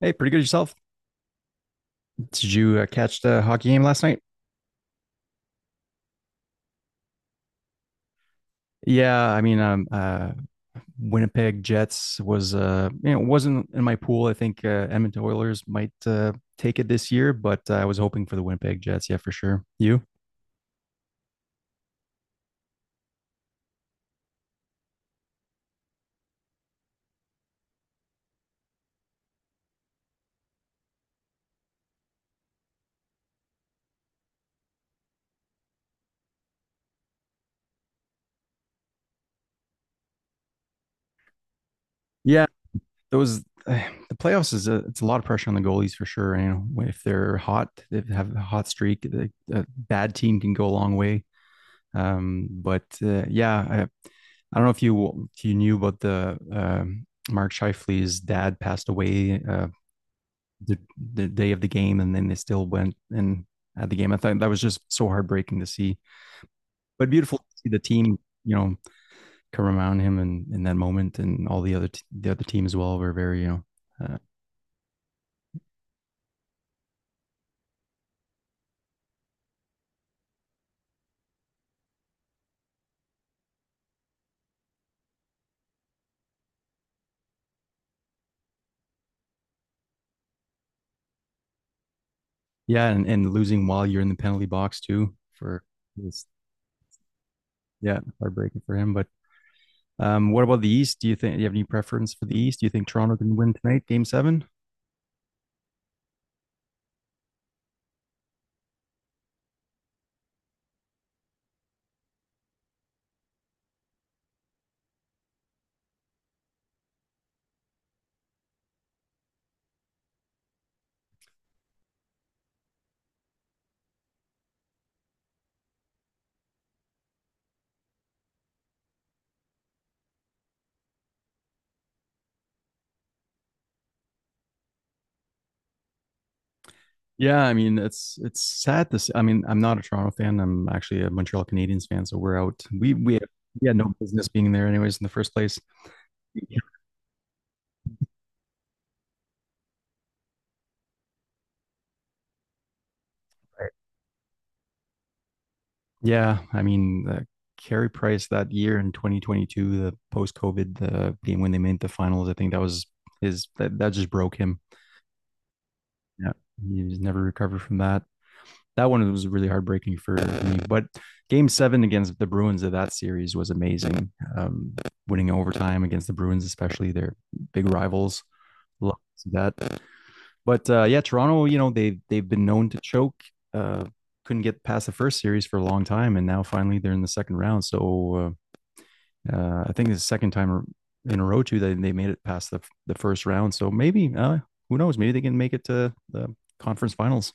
Hey, pretty good yourself. Did you catch the hockey game last night? Yeah, I mean, um, uh, Winnipeg Jets was, wasn't in my pool. I think Edmonton Oilers might take it this year, but I was hoping for the Winnipeg Jets. Yeah, for sure. You? Yeah, those uh, the playoffs it's a lot of pressure on the goalies for sure. You know, if they're hot, they have a hot streak, a bad team can go a long way. But yeah, I don't know if you knew about the Mark Shifley's dad passed away the the day of the game, and then they still went and had the game. I thought that was just so heartbreaking to see, but beautiful to see the team. You know, come around him and in that moment, and all the other the other team as well were very Uh, Yeah, and losing while you're in the penalty box too for this. Yeah, heartbreaking for him. But what about the East? Do you have any preference for the East? Do you think Toronto can win tonight, Game Seven? Yeah, I mean it's sad to see. I mean I'm not a Toronto fan. I'm actually a Montreal Canadiens fan, so we're out. We had, we had no business being there anyways in the first place. Yeah, right. Yeah, I mean the Carey Price that year in 2022, the post COVID, the game when they made the finals. I think that was that just broke him. Yeah, he was never recovered from that. That one was really heartbreaking for me. But Game Seven against the Bruins of that series was amazing. Winning overtime against the Bruins, especially their big rivals, love that. But yeah, Toronto, you know they've been known to choke. Uh, couldn't get past the first series for a long time, and now finally they're in the second round. So I think it's the second time in a row too that they made it past the first round. So maybe who knows? Maybe they can make it to the conference finals.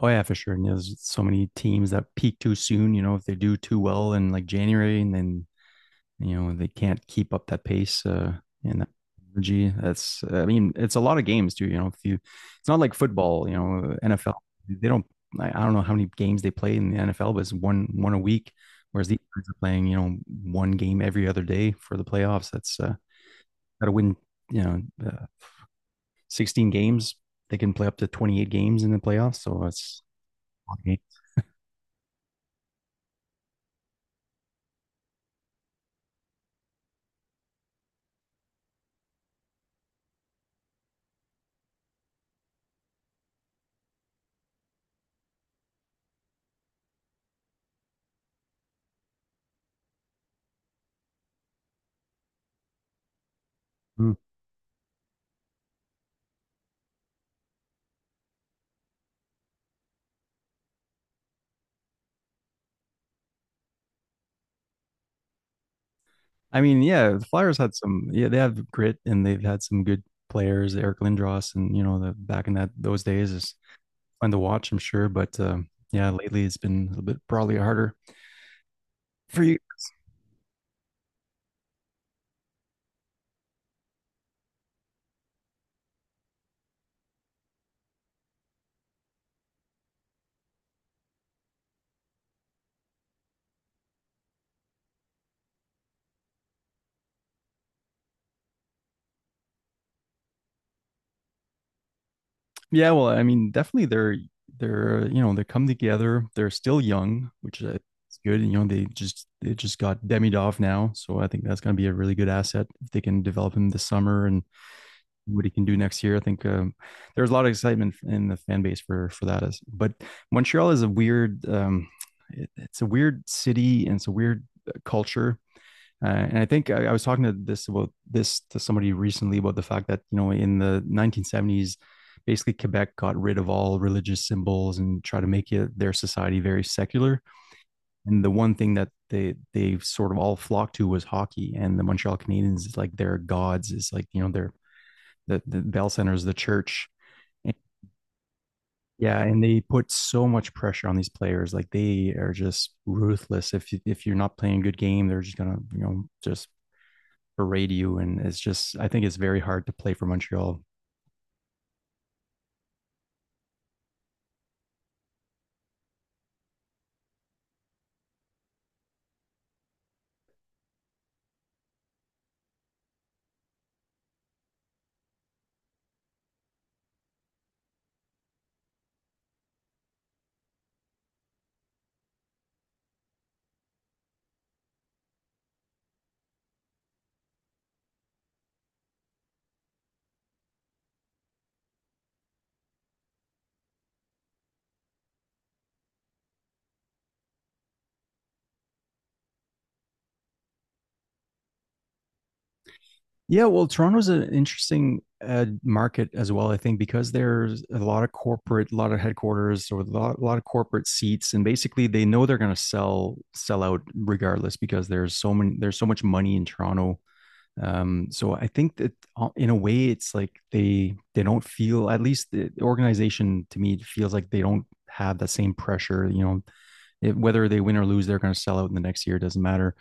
Oh yeah, for sure. And there's so many teams that peak too soon. You know, if they do too well in like January, and then you know they can't keep up that pace and that energy. That's I mean, it's a lot of games too. You know, if you, it's not like football. You know, NFL they don't. I don't know how many games they play in the NFL, but it's one a week. Whereas these guys are playing, you know, one game every other day for the playoffs. That's got to win. You know, uh, 16 games. They can play up to 28 games in the playoffs. So it's I mean, yeah, the Flyers had some. Yeah, they have grit and they've had some good players, Eric Lindros, and you know, the back in that those days is fun to watch, I'm sure. But yeah, lately it's been a little bit probably harder for you. Yeah, well, I mean, definitely they're you know they come together. They're still young, which is good. You know, they just got Demidov now, so I think that's going to be a really good asset if they can develop him this summer and what he can do next year. I think there's a lot of excitement in the fan base for that. As but Montreal is a weird, it's a weird city and it's a weird culture. And I think I was talking to this to somebody recently about the fact that you know in the 1970s, basically Quebec got rid of all religious symbols and try to make it, their society very secular. And the one thing that they sort of all flocked to was hockey. And the Montreal Canadiens is like their gods, is like you know the Bell Center is the church. Yeah, and they put so much pressure on these players. Like they are just ruthless. If you're not playing a good game, they're just gonna you know just berate you. And it's just I think it's very hard to play for Montreal. Yeah, well, Toronto's an interesting market as well. I think because there's a lot of corporate, a lot of headquarters, or a lot of corporate seats, and basically they know they're going to sell out regardless because there's so much money in Toronto. So I think that in a way it's like they don't feel, at least the organization to me feels like they don't have that same pressure, you know, it, whether they win or lose they're going to sell out in the next year. It doesn't matter.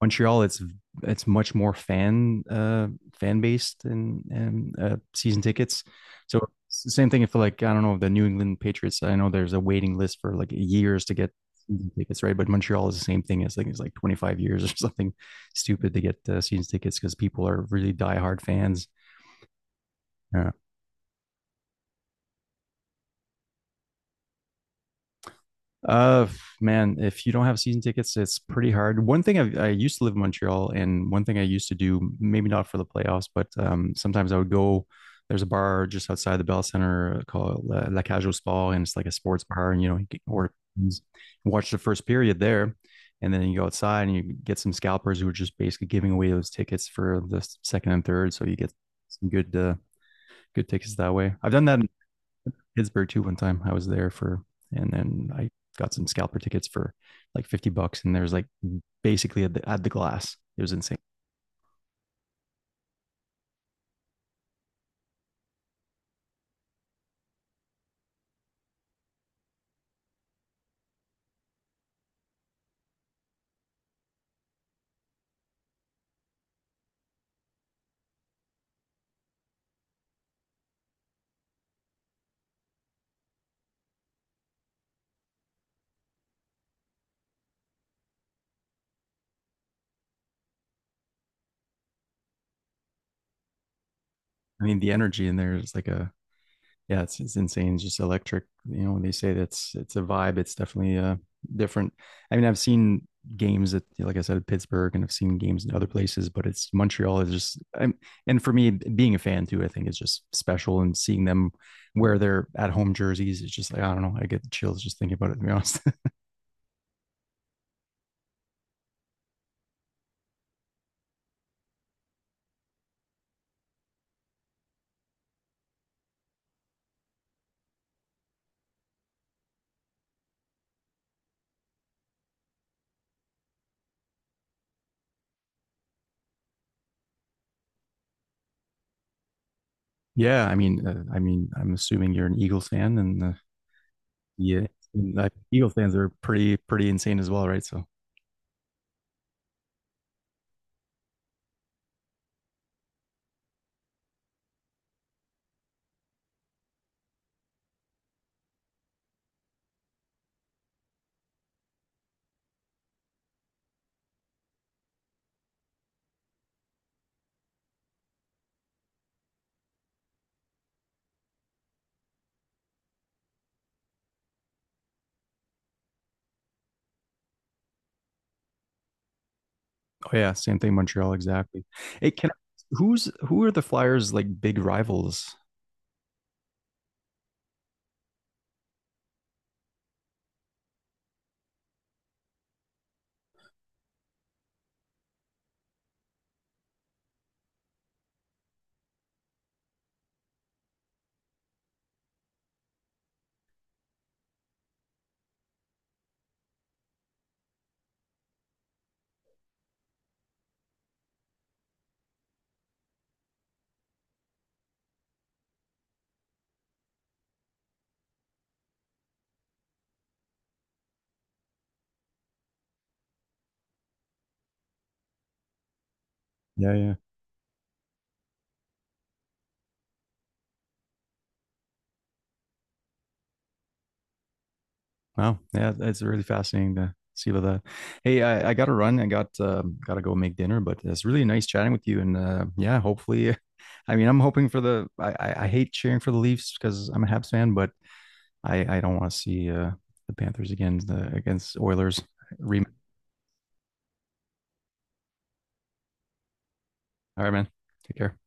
Montreal, it's much more fan fan based, and season tickets. So it's the same thing. If like I don't know the New England Patriots, I know there's a waiting list for like years to get season tickets, right? But Montreal is the same thing. It's like 25 years or something stupid to get season tickets because people are really diehard fans. Uh, Uh, man, if you don't have season tickets, it's pretty hard. One thing I used to live in Montreal, and one thing I used to do, maybe not for the playoffs, but sometimes I would go. There's a bar just outside the Bell Center called La Cage au Sport, and it's like a sports bar, and you know, you can order, watch the first period there, and then you go outside and you get some scalpers who are just basically giving away those tickets for the second and third, so you get some good good tickets that way. I've done that Pittsburgh too one time. I was there for, and then I got some scalper tickets for like 50 bucks. And there's like basically at at the glass. It was insane. I mean, the energy in there is like yeah, it's insane. It's just electric. You know, when they say it's a vibe, it's definitely different. I mean, I've seen games at, like I said, at Pittsburgh and I've seen games in other places, but it's Montreal is just, and for me, being a fan too, I think is just special and seeing them wear their at home jerseys. It's just like, I don't know, I get the chills just thinking about it, to be honest. Yeah, I mean, I'm assuming you're an Eagles fan, and yeah, Eagles fans are pretty pretty insane as well, right? So, oh yeah, same thing, Montreal, exactly. Hey, can who's who are the Flyers' like big rivals? Yeah, yeah. Wow, yeah, it's really fascinating to see about that. Hey, I got to run. I got to go make dinner, but it's really nice chatting with you, and yeah, hopefully, I mean, I'm hoping for the. I hate cheering for the Leafs because I'm a Habs fan, but I don't want to see the Panthers again the against Oilers. All right, man. Take care.